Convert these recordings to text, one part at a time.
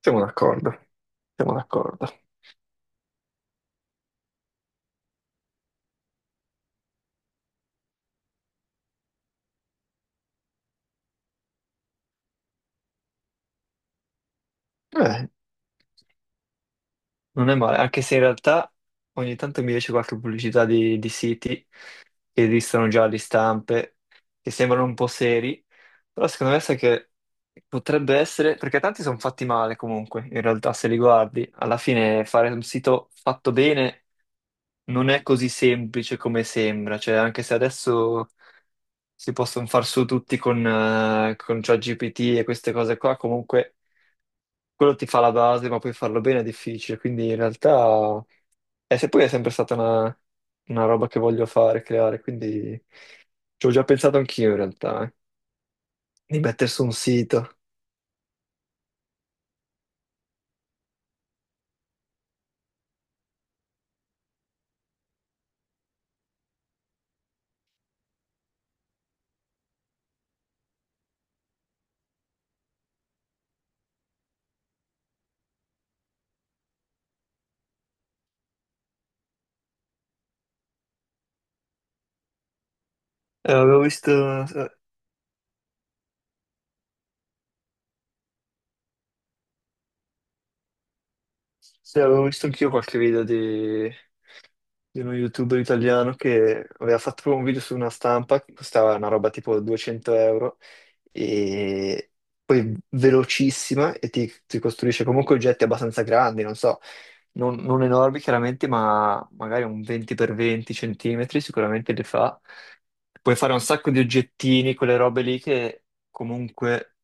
Siamo d'accordo, siamo d'accordo. Eh, non è male, anche se in realtà ogni tanto mi esce qualche pubblicità di siti che esistono già di stampe, che sembrano un po' seri, però secondo me sai che potrebbe essere, perché tanti sono fatti male comunque, in realtà se li guardi, alla fine fare un sito fatto bene non è così semplice come sembra, cioè anche se adesso si possono far su tutti con ChatGPT e queste cose qua, comunque quello ti fa la base, ma poi farlo bene è difficile, quindi in realtà e se poi è sempre stata una roba che voglio fare, creare, quindi ci ho già pensato anch'io in realtà, di mettere su un sito. Avevo visto, eh, sì, avevo visto anch'io qualche video di uno youtuber italiano che aveva fatto un video su una stampa che costava una roba tipo 200 euro e poi velocissima e ti costruisce comunque oggetti abbastanza grandi, non so, non enormi chiaramente, ma magari un 20x20 centimetri sicuramente li fa. Puoi fare un sacco di oggettini, quelle robe lì che comunque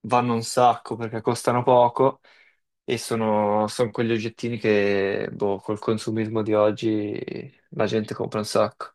vanno un sacco perché costano poco e sono quegli oggettini che, boh, col consumismo di oggi la gente compra un sacco.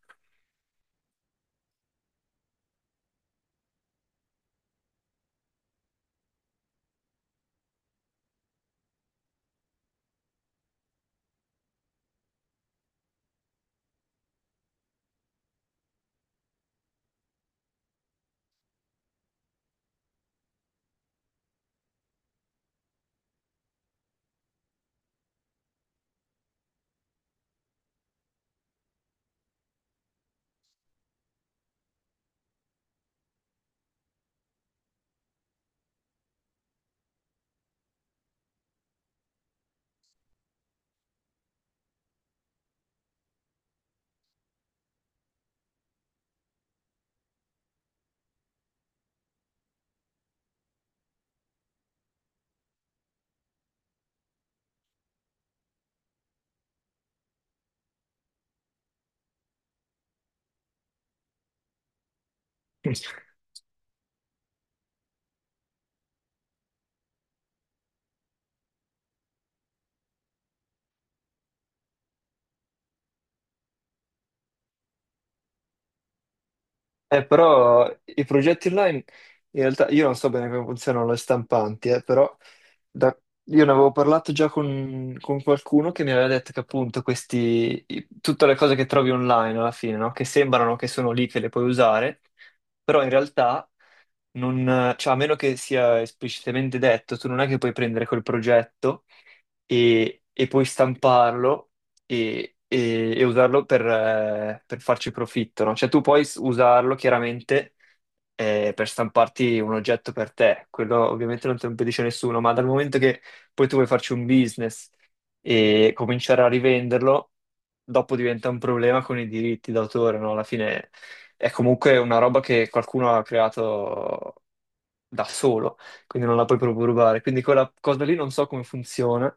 Però i progetti online, in realtà io non so bene come funzionano le stampanti, però da- io ne avevo parlato già con qualcuno che mi aveva detto che appunto tutte le cose che trovi online alla fine, no? Che sembrano che sono lì che le puoi usare, però in realtà non, cioè, a meno che sia esplicitamente detto, tu non è che puoi prendere quel progetto e poi stamparlo e usarlo per farci profitto, no? Cioè tu puoi usarlo chiaramente per stamparti un oggetto per te, quello ovviamente non te lo impedisce nessuno, ma dal momento che poi tu vuoi farci un business e cominciare a rivenderlo, dopo diventa un problema con i diritti d'autore, no? Alla fine è comunque una roba che qualcuno ha creato da solo, quindi non la puoi proprio rubare. Quindi quella cosa lì non so come funziona.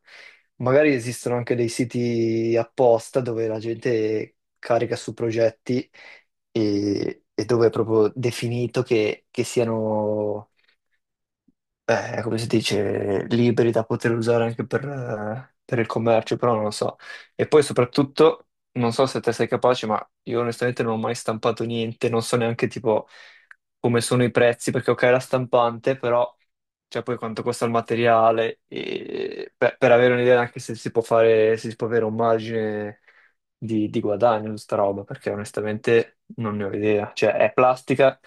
Magari esistono anche dei siti apposta dove la gente carica su progetti e dove è proprio definito che siano come si dice, liberi da poter usare anche per il commercio, però non lo so. E poi soprattutto, non so se te sei capace, ma io onestamente non ho mai stampato niente, non so neanche tipo come sono i prezzi, perché ok, la stampante, però cioè poi quanto costa il materiale, e, per avere un'idea anche se si può fare, se si può avere un margine di guadagno su sta roba, perché onestamente non ne ho idea. Cioè è plastica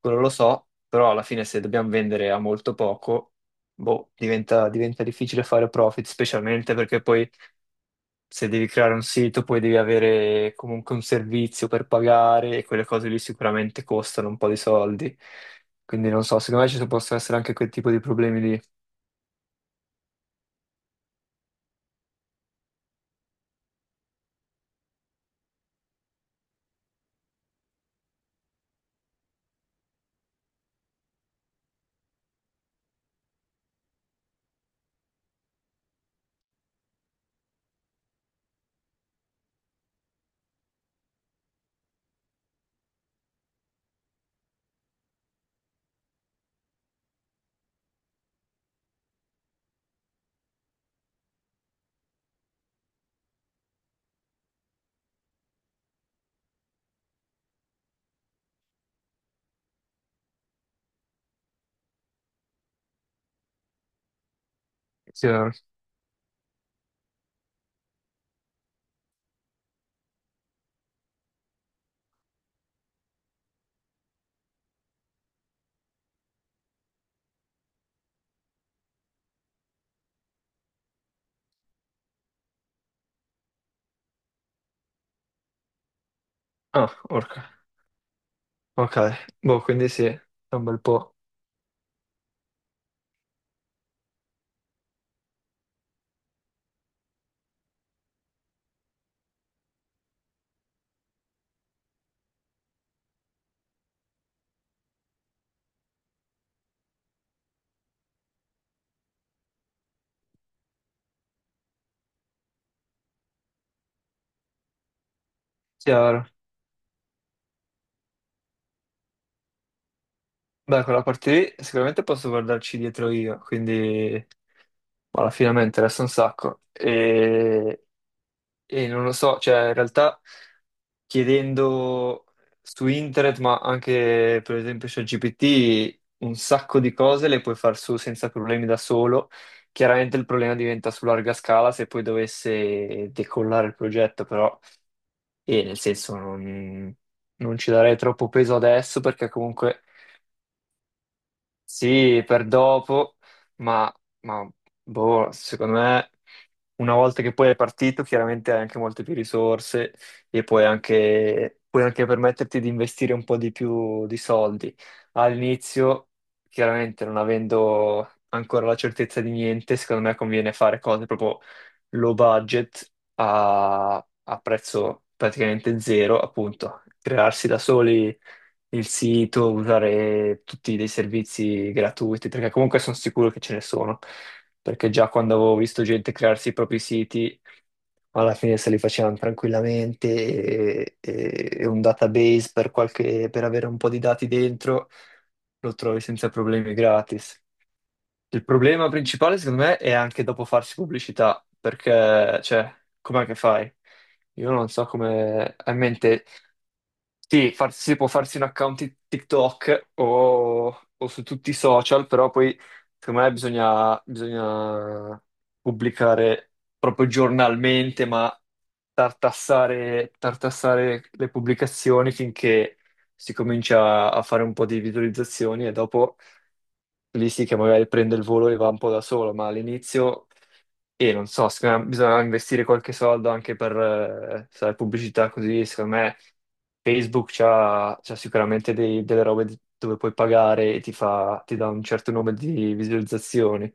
quello lo so, però alla fine se dobbiamo vendere a molto poco, boh, diventa difficile fare profit, specialmente perché poi se devi creare un sito, poi devi avere comunque un servizio per pagare e quelle cose lì sicuramente costano un po' di soldi. Quindi non so, secondo me ci possono essere anche quel tipo di problemi lì. Chiaro. Ah, orca. Ok, boh, quindi sì, è un bel po'. Chiaro. Beh, quella parte lì sicuramente posso guardarci dietro io, quindi, boh, alla fine mi interessa un sacco. E non lo so, cioè in realtà chiedendo su internet, ma anche per esempio ChatGPT, un sacco di cose le puoi far su senza problemi da solo. Chiaramente il problema diventa su larga scala se poi dovesse decollare il progetto, però, e nel senso non ci darei troppo peso adesso perché comunque sì, per dopo, ma, ma, boh, secondo me una volta che poi è partito, chiaramente hai anche molte più risorse e puoi anche permetterti di investire un po' di più di soldi. All'inizio, chiaramente non avendo ancora la certezza di niente, secondo me conviene fare cose proprio low budget a prezzo praticamente zero, appunto, crearsi da soli il sito, usare tutti dei servizi gratuiti, perché comunque sono sicuro che ce ne sono, perché già quando avevo visto gente crearsi i propri siti, alla fine se li facevano tranquillamente e un database per avere un po' di dati dentro, lo trovi senza problemi gratis. Il problema principale, secondo me, è anche dopo farsi pubblicità, perché, cioè, com'è che fai? Io non so come hai in mente. Sì, si può farsi un account di TikTok o su tutti i social, però poi, secondo me, bisogna pubblicare proprio giornalmente, ma tartassare, tartassare le pubblicazioni finché si comincia a fare un po' di visualizzazioni e dopo lì sì che magari prende il volo e va un po' da solo, ma all'inizio, e non so, secondo me bisogna investire qualche soldo anche per sai, pubblicità così. Secondo me Facebook c'ha sicuramente delle robe dove puoi pagare e ti fa, ti dà un certo numero di visualizzazioni.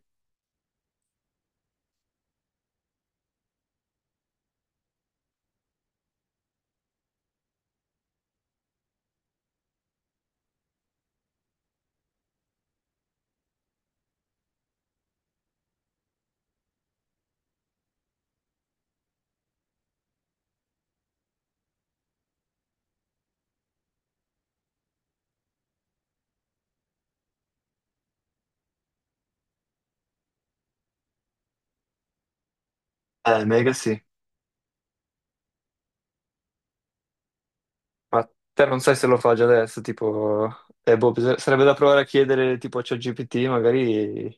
Mega sì. Ma te non sai se lo fa già adesso, tipo, boh, sarebbe da provare a chiedere tipo a ChatGPT. Magari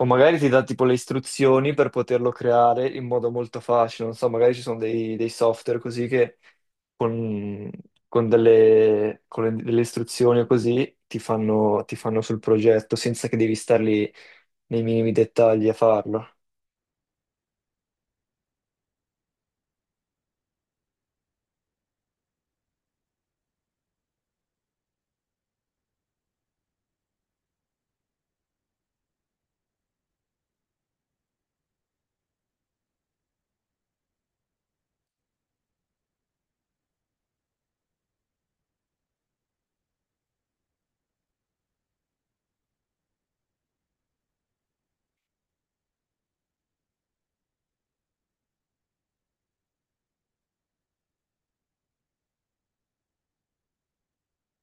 o magari ti dà tipo le istruzioni per poterlo creare in modo molto facile. Non so, magari ci sono dei software così che con, con delle istruzioni o così ti fanno sul progetto senza che devi star lì nei minimi dettagli a farlo.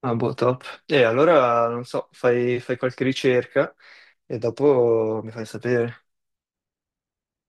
Ah, boh, top. E allora, non so, fai qualche ricerca e dopo mi fai sapere.